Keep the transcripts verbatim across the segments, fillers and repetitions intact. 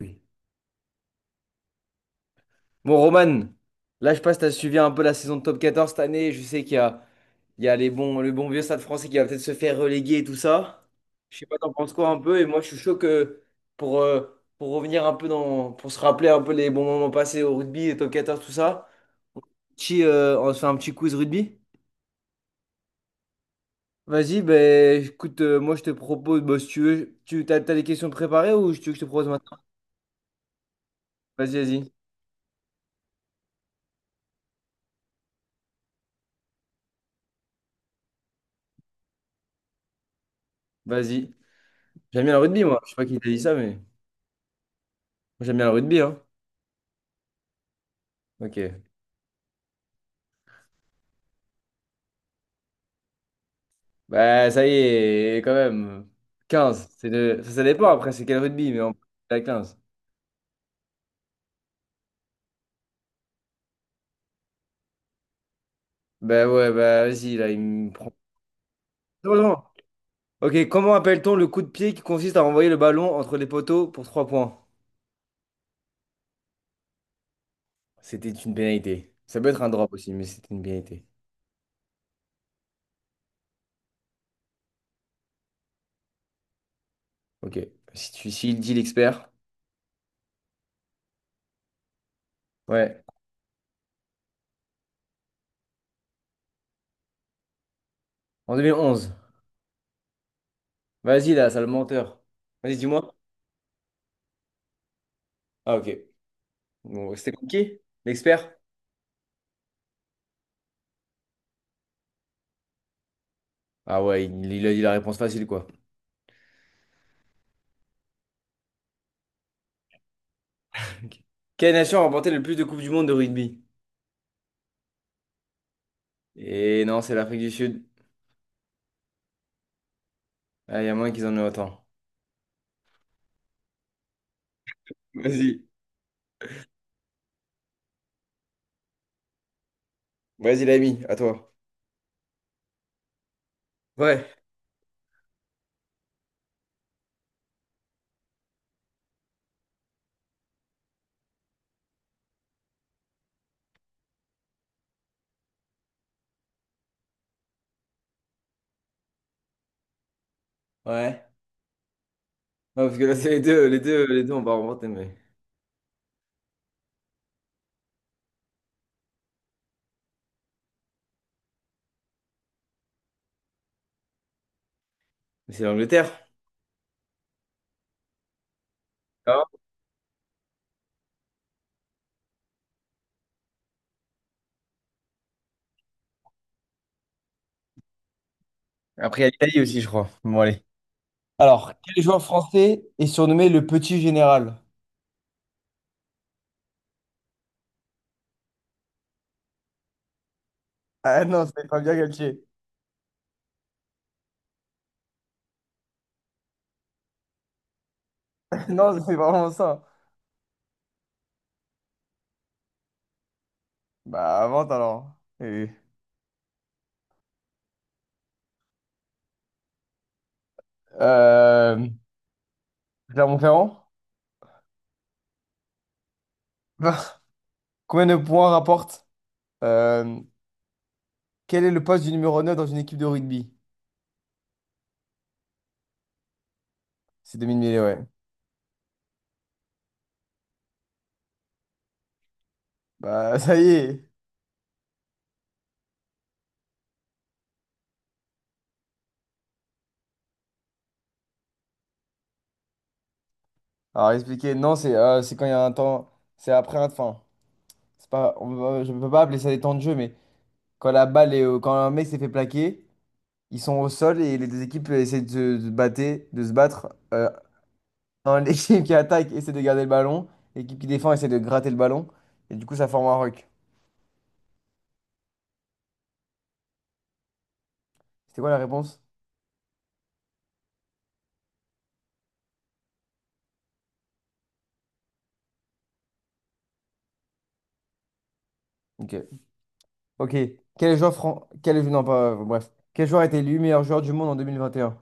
Oui. Bon, Roman, là, je passe, tu as suivi un peu la saison de top Quatorze cette année. Je sais qu'il y a, il y a les bons, le bon vieux Stade français qui va peut-être se faire reléguer et tout ça. Je sais pas, t'en penses quoi un peu? Et moi, je suis chaud que pour, euh, pour revenir un peu dans, pour se rappeler un peu les bons moments passés au rugby, les top Quatorze tout ça. Petit, euh, on se fait un petit quiz rugby? Vas-y, ben écoute, euh, moi, je te propose, bah, si tu veux, tu t'as, t'as les questions préparées ou tu veux que je te propose maintenant? Vas-y, vas-y, vas-y. J'aime bien le rugby, moi. Je sais pas qui t'a dit ça, mais moi, j'aime bien le rugby, hein. Ok. Bah, ça y est, quand même. Quinze. C'est de... Ça, ça dépend après, c'est quel rugby, mais on peut la quinze. Bah ouais, bah vas-y, là, il me prend. Non, non. Ok, comment appelle-t-on le coup de pied qui consiste à renvoyer le ballon entre les poteaux pour trois points? C'était une pénalité. Ça peut être un drop aussi, mais c'était une pénalité. Ok. Si tu si il dit l'expert. Ouais. En deux mille onze. Vas-y, là, sale menteur. Vas-y, dis-moi. Ah, ok. Bon, c'était compliqué? L'expert? Ah ouais, il, il a dit la réponse facile, quoi. Ok. Quelle nation a remporté le plus de coupes du monde de rugby? Et non, c'est l'Afrique du Sud. Ah, il y a moins qu'ils en aient autant. Vas-y. Vas-y, l'ami, à toi. Ouais, ouais. Non, parce que là, c'est les deux, les deux, les deux, on va remonter, mais, mais c'est l'Angleterre. Ah. Après, il y a l'Italie aussi, je crois. Bon, allez. Alors, quel joueur français est surnommé le petit général? Ah non, c'est pas bien Galtier. Non, c'est vraiment ça. Bah, avant, alors. Eh oui. Euh, Clermont-Ferrand? Bah. Combien de points rapporte? euh, quel est le poste du numéro neuf dans une équipe de rugby? C'est 2000 mille, mille, ouais. Bah, ça y est. Alors, expliquer, non, c'est euh, c'est quand il y a un temps. C'est après un. Enfin, c'est pas, on va- je ne peux pas appeler ça des temps de jeu, mais quand la balle est. au- Quand un mec s'est fait plaquer, ils sont au sol et les deux équipes euh, essaient de se, de se, battre, de se battre. Euh, un- l'équipe qui attaque essaie de garder le ballon, l'équipe qui défend essaie de gratter le ballon, et du coup, ça forme un ruck. C'était quoi la réponse? Ok. Ok. Quel joueur fran... Quel... Non, pas, euh, bref. Quel joueur a été élu meilleur joueur du monde en deux mille vingt et un?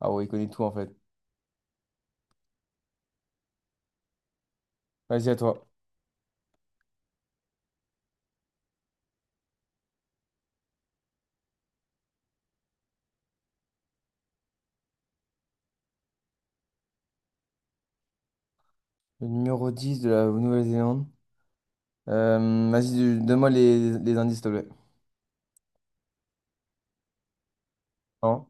Ah ouais, il connaît tout en fait. Vas-y, à toi. Le numéro dix de la Nouvelle-Zélande. Euh, vas-y, donne-moi les, les indices, s'il te plaît. Non,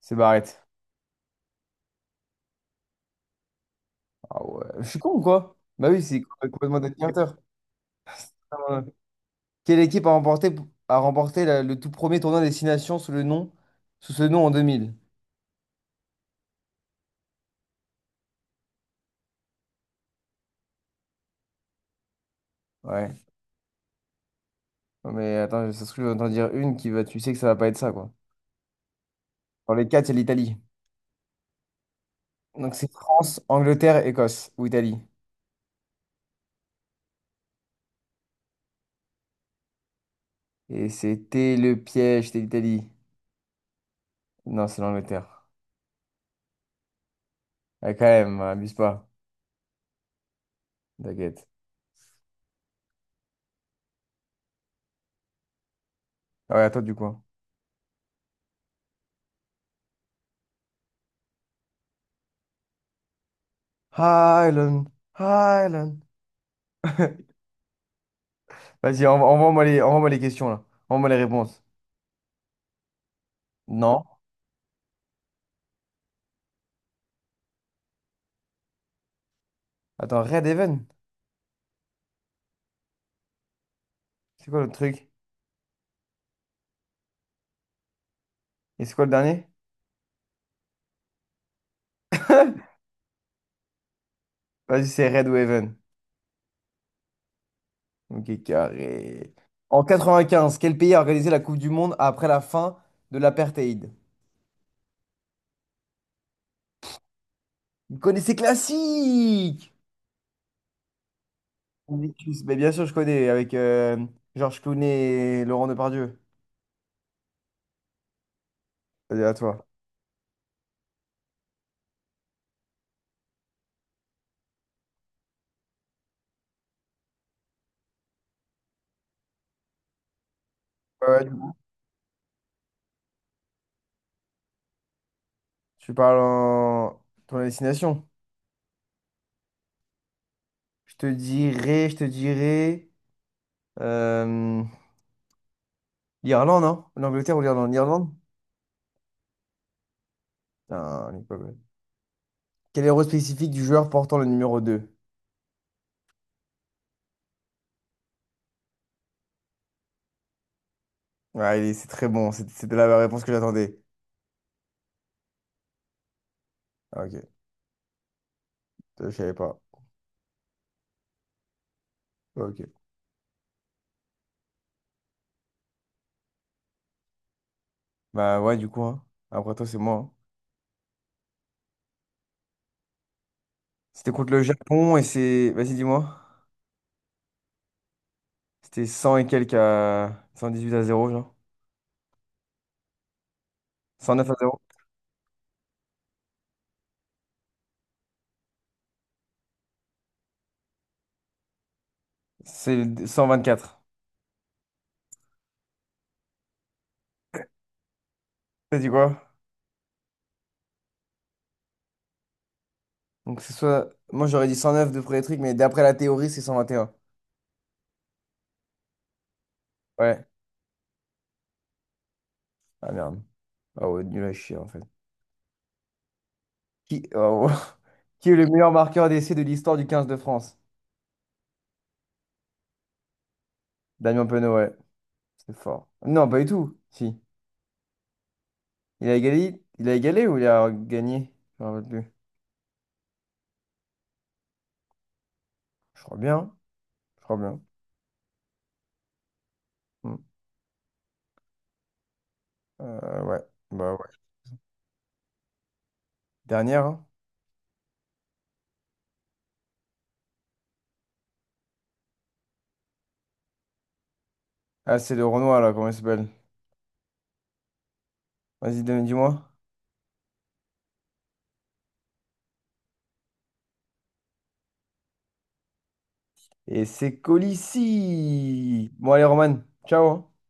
c'est Barrett. Ah ouais. Je suis con ou quoi? Bah oui, c'est complètement délirant. Quelle équipe a remporté, a remporté la- le tout premier tournoi Destination sous le nom, sous ce nom en deux mille. Ouais. Non, mais attends, ça se trouve, je vais entendre dire une qui va, tu sais que ça va pas être ça, quoi. Dans les quatre, il y a l'Italie. Donc c'est France, Angleterre, Écosse ou Italie. Et c'était le piège, c'était l'Italie. Non, c'est l'Angleterre. Ouais, quand même, hein, abuse pas. T'inquiète. Ah ouais, à toi du coup, hein. Highland, Highland. Vas-y, envo- envoie-moi les, envoie-moi les questions là. Envoie-moi les réponses. Non. Attends, Red Heaven. C'est quoi le truc? Et c'est quoi le dernier? Vas-y, c'est Red ou Ok, carré. En quatre-vingt-quinze, quel pays a organisé la Coupe du Monde après la fin de l'apartheid? Vous connaissez classique! Mais bien sûr, je connais avec euh, Georges Clooney et Laurent Depardieu. Vas-y, à toi. Ouais, ouais, tu parles en ton destination. Je te dirai, je te dirai. Euh, L'Irlande, hein? L'Angleterre ou l'Irlande? L'Irlande? Putain, elle est pas bonne. Quel héros spécifique du joueur portant le numéro deux. Ouais, il est- c'est très bon. C'était c'était la réponse que j'attendais. Ah, ok, je savais pas. Ok. Bah ouais, du coup, hein. Après toi, c'est moi, hein. C'était contre le Japon et c'est... Vas-y, dis-moi. C'était cent et quelques à... huit à zéro, genre. Cent neuf à zéro. C'est le- quatre. T'as dit quoi? Donc c'est soit... Moi, j'aurais dit cent neuf de premier truc, mais d'après la théorie, c'est cent vingt et un. Ouais. Ah merde. Ah ouais, nul à chier, en fait. Qui, oh, qui est le meilleur marqueur d'essai de l'histoire du quinze de France? Damien Penaud, ouais. C'est fort. Non, pas du tout. Si. Il a égalé, il a égalé ou il a gagné? Je me rappelle plus. Je crois bien. Je crois bien. Hmm. Euh, ouais. Bah ouais. Dernière, hein. Ah, c'est le Renoir, là. Comment il s'appelle? Vas-y, donne- dis-moi. Et c'est Colissi. Bon, allez, Roman. Ciao, hein.